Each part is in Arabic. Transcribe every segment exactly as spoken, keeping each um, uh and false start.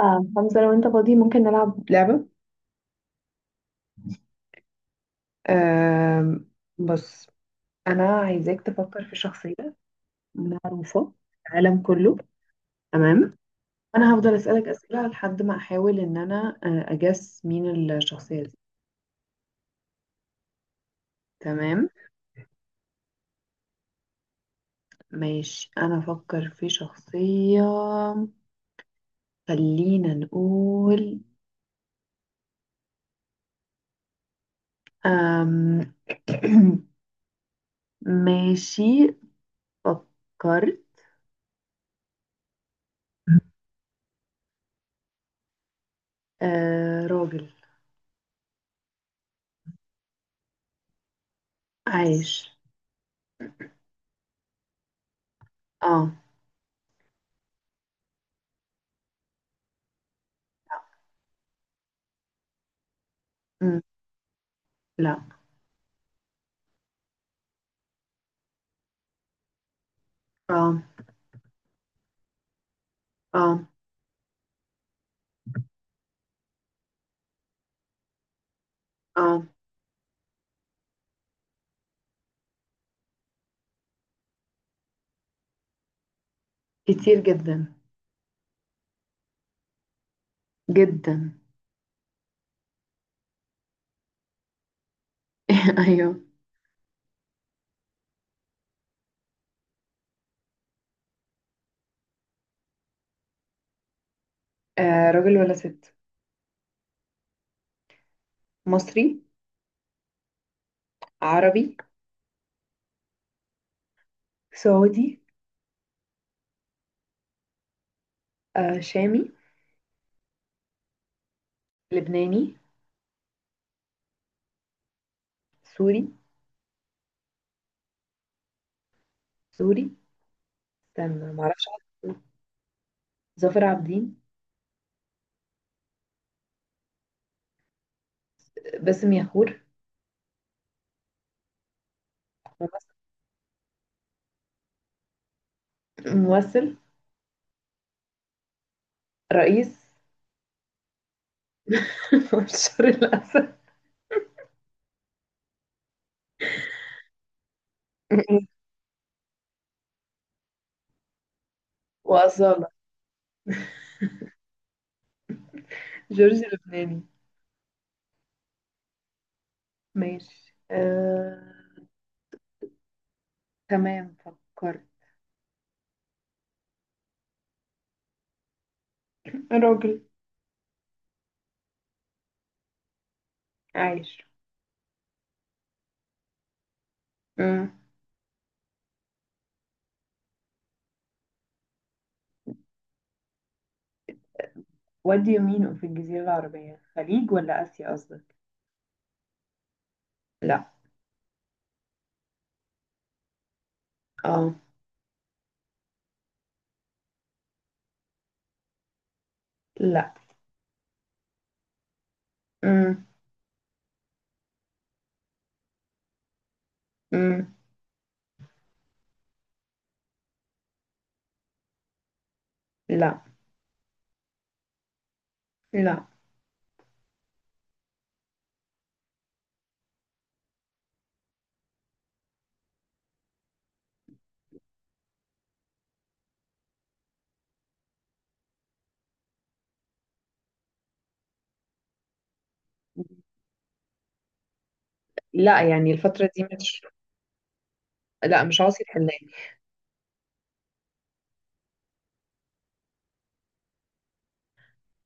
اه، حمزة لو انت فاضي ممكن نلعب لعبة؟ آم، بص، انا عايزاك تفكر في شخصية معروفة في العالم كله. تمام. انا هفضل اسألك اسئلة لحد ما احاول ان انا آه، اجس مين الشخصية دي. تمام، ماشي، انا افكر في شخصية. خلينا نقول آم، ماشي، فكرت. آه راجل. عايش. اه. لا. مم. لا. آه. اه اه. كتير جدا. جدا. ايوه. آه راجل ولا ست؟ مصري. عربي. سعودي. آه شامي. لبناني. سوري. سوري، استنى معرفش حد. ظافر عابدين. باسم ياخور. ممثل. ممثل. رئيس. بشار الأسد. وأصالة. جورج لبناني. ماشي آه، تمام فكرت. راجل. عايش. مم. وادي يمينه في الجزيرة العربية، خليج ولا آسيا قصدك؟ لا. اه. لا. امم. امم. لا. لا. لا، يعني الفترة دي مش. لا، مش عاصي الحلال.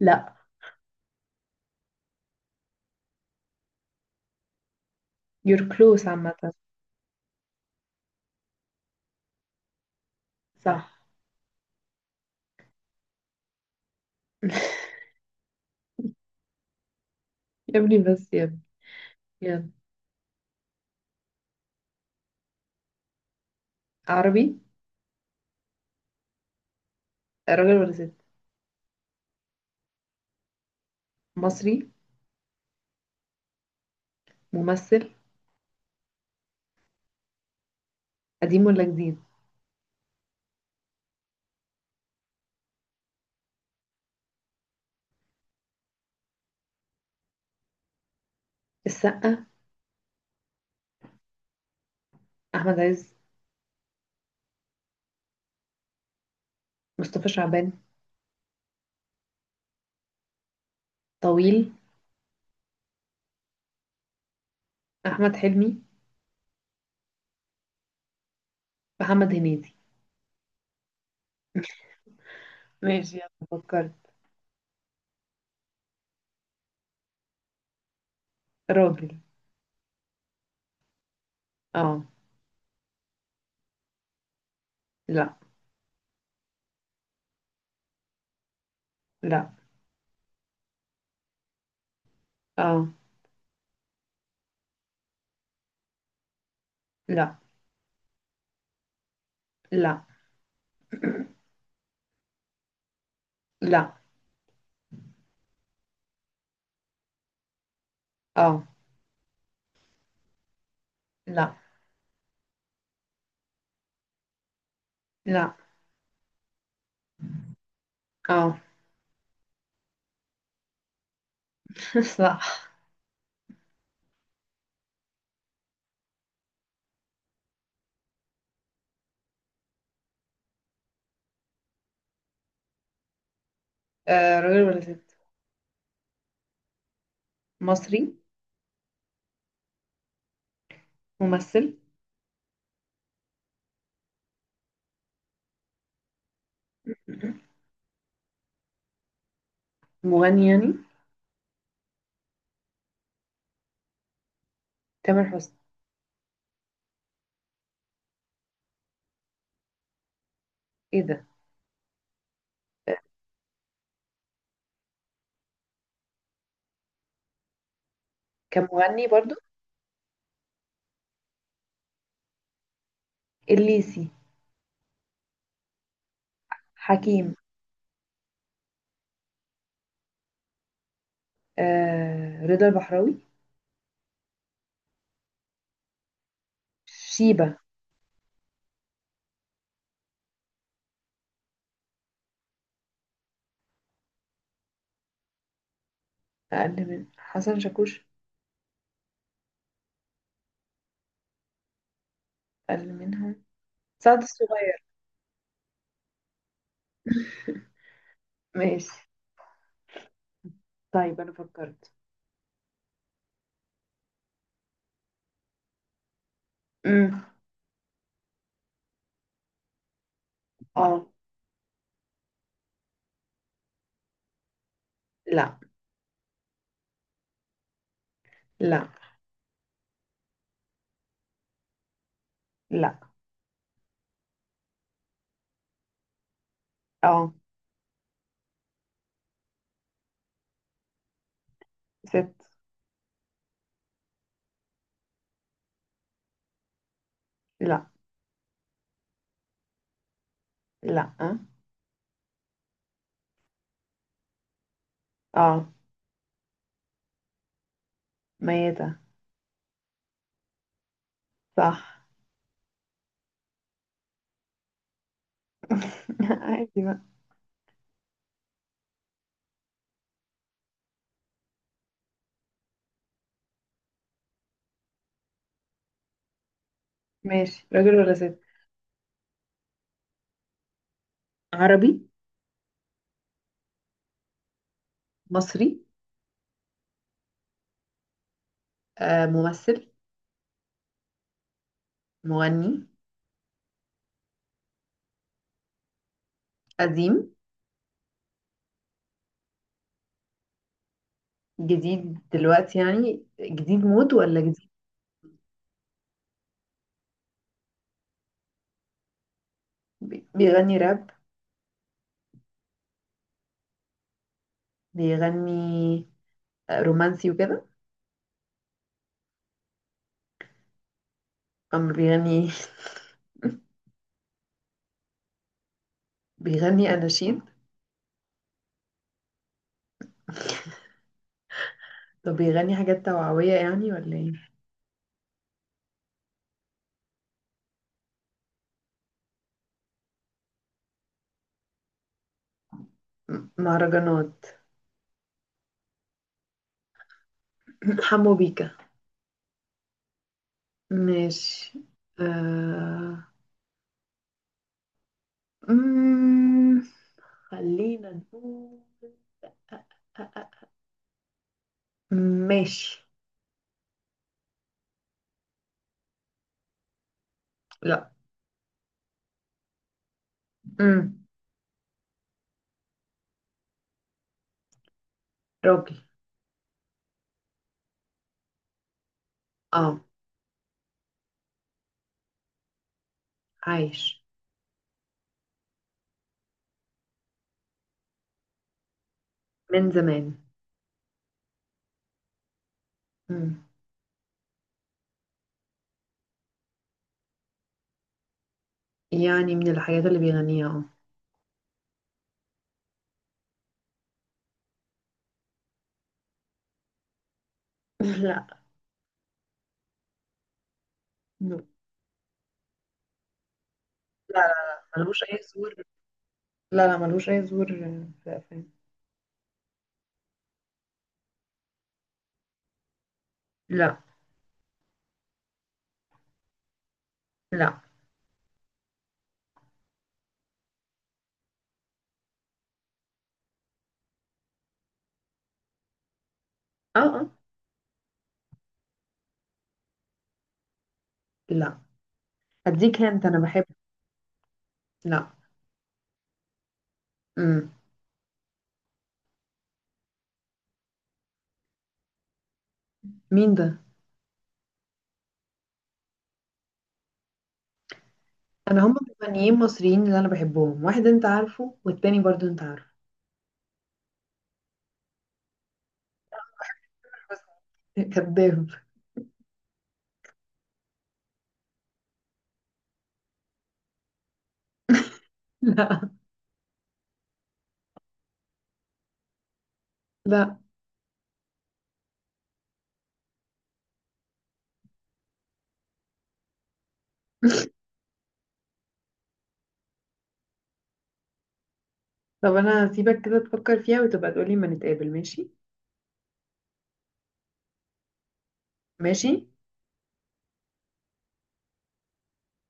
لا. you're close عامة. صح. يا ابني، بس يا ابني. يلا. عربي. راجل ولا ست؟ مصري. ممثل. قديم ولا جديد؟ السقا. أحمد عز. مصطفى شعبان. طويل. أحمد حلمي. محمد هنيدي. ماشي، يلا فكرت. راجل. اه. لا. لا. اه. لا. لا. لا. اه. لا. لا. اه. صح. آه راجل ولا ست؟ مصري. ممثل. مغني يعني؟ تامر حسني. ايه ده؟ آه، كان مغني برضو. الليسي. حكيم. آه رضا البحراوي. شيبة. أقل من حسن شاكوش؟ أقل منها. سعد الصغير. ماشي. طيب، أنا فكرت. امم. اه. لا. لا. لا. اه. ست. لا. لا. اه. اه. ميتة. صح. عادي بقى. ماشي. راجل ولا ست؟ عربي. مصري. آه، ممثل. مغني. قديم. جديد دلوقتي، يعني جديد مود ولا جديد؟ بي- بيغني راب. بيغني آه، رومانسي وكده. أم بيغني. بيغني أناشيد. طب بيغني حاجات توعوية يعني ولا ايه؟ م- مهرجانات. حمو بيكا. ماشي آه، مم، خلينا نقول آه، آه، آه، ماشي. لا. امم. راجل. اه. عايش. من زمان. امم. يعني من الحاجات اللي بيغنيها. اه. لا. لا. لا. لا ملوش اي ظهور. لا لا ملوش اي ظهور في الافلام. لا. لا. اه اه. لا، هديك هنت انا بحب. لا. امم. مين ده؟ انا هم مغنيين مصريين اللي انا بحبهم، واحد انت عارفه والتاني برضو انت عارفه. كذاب. لا. لا. طب انا هسيبك كده تفكر فيها وتبقى تقولي ما نتقابل. ماشي. ماشي.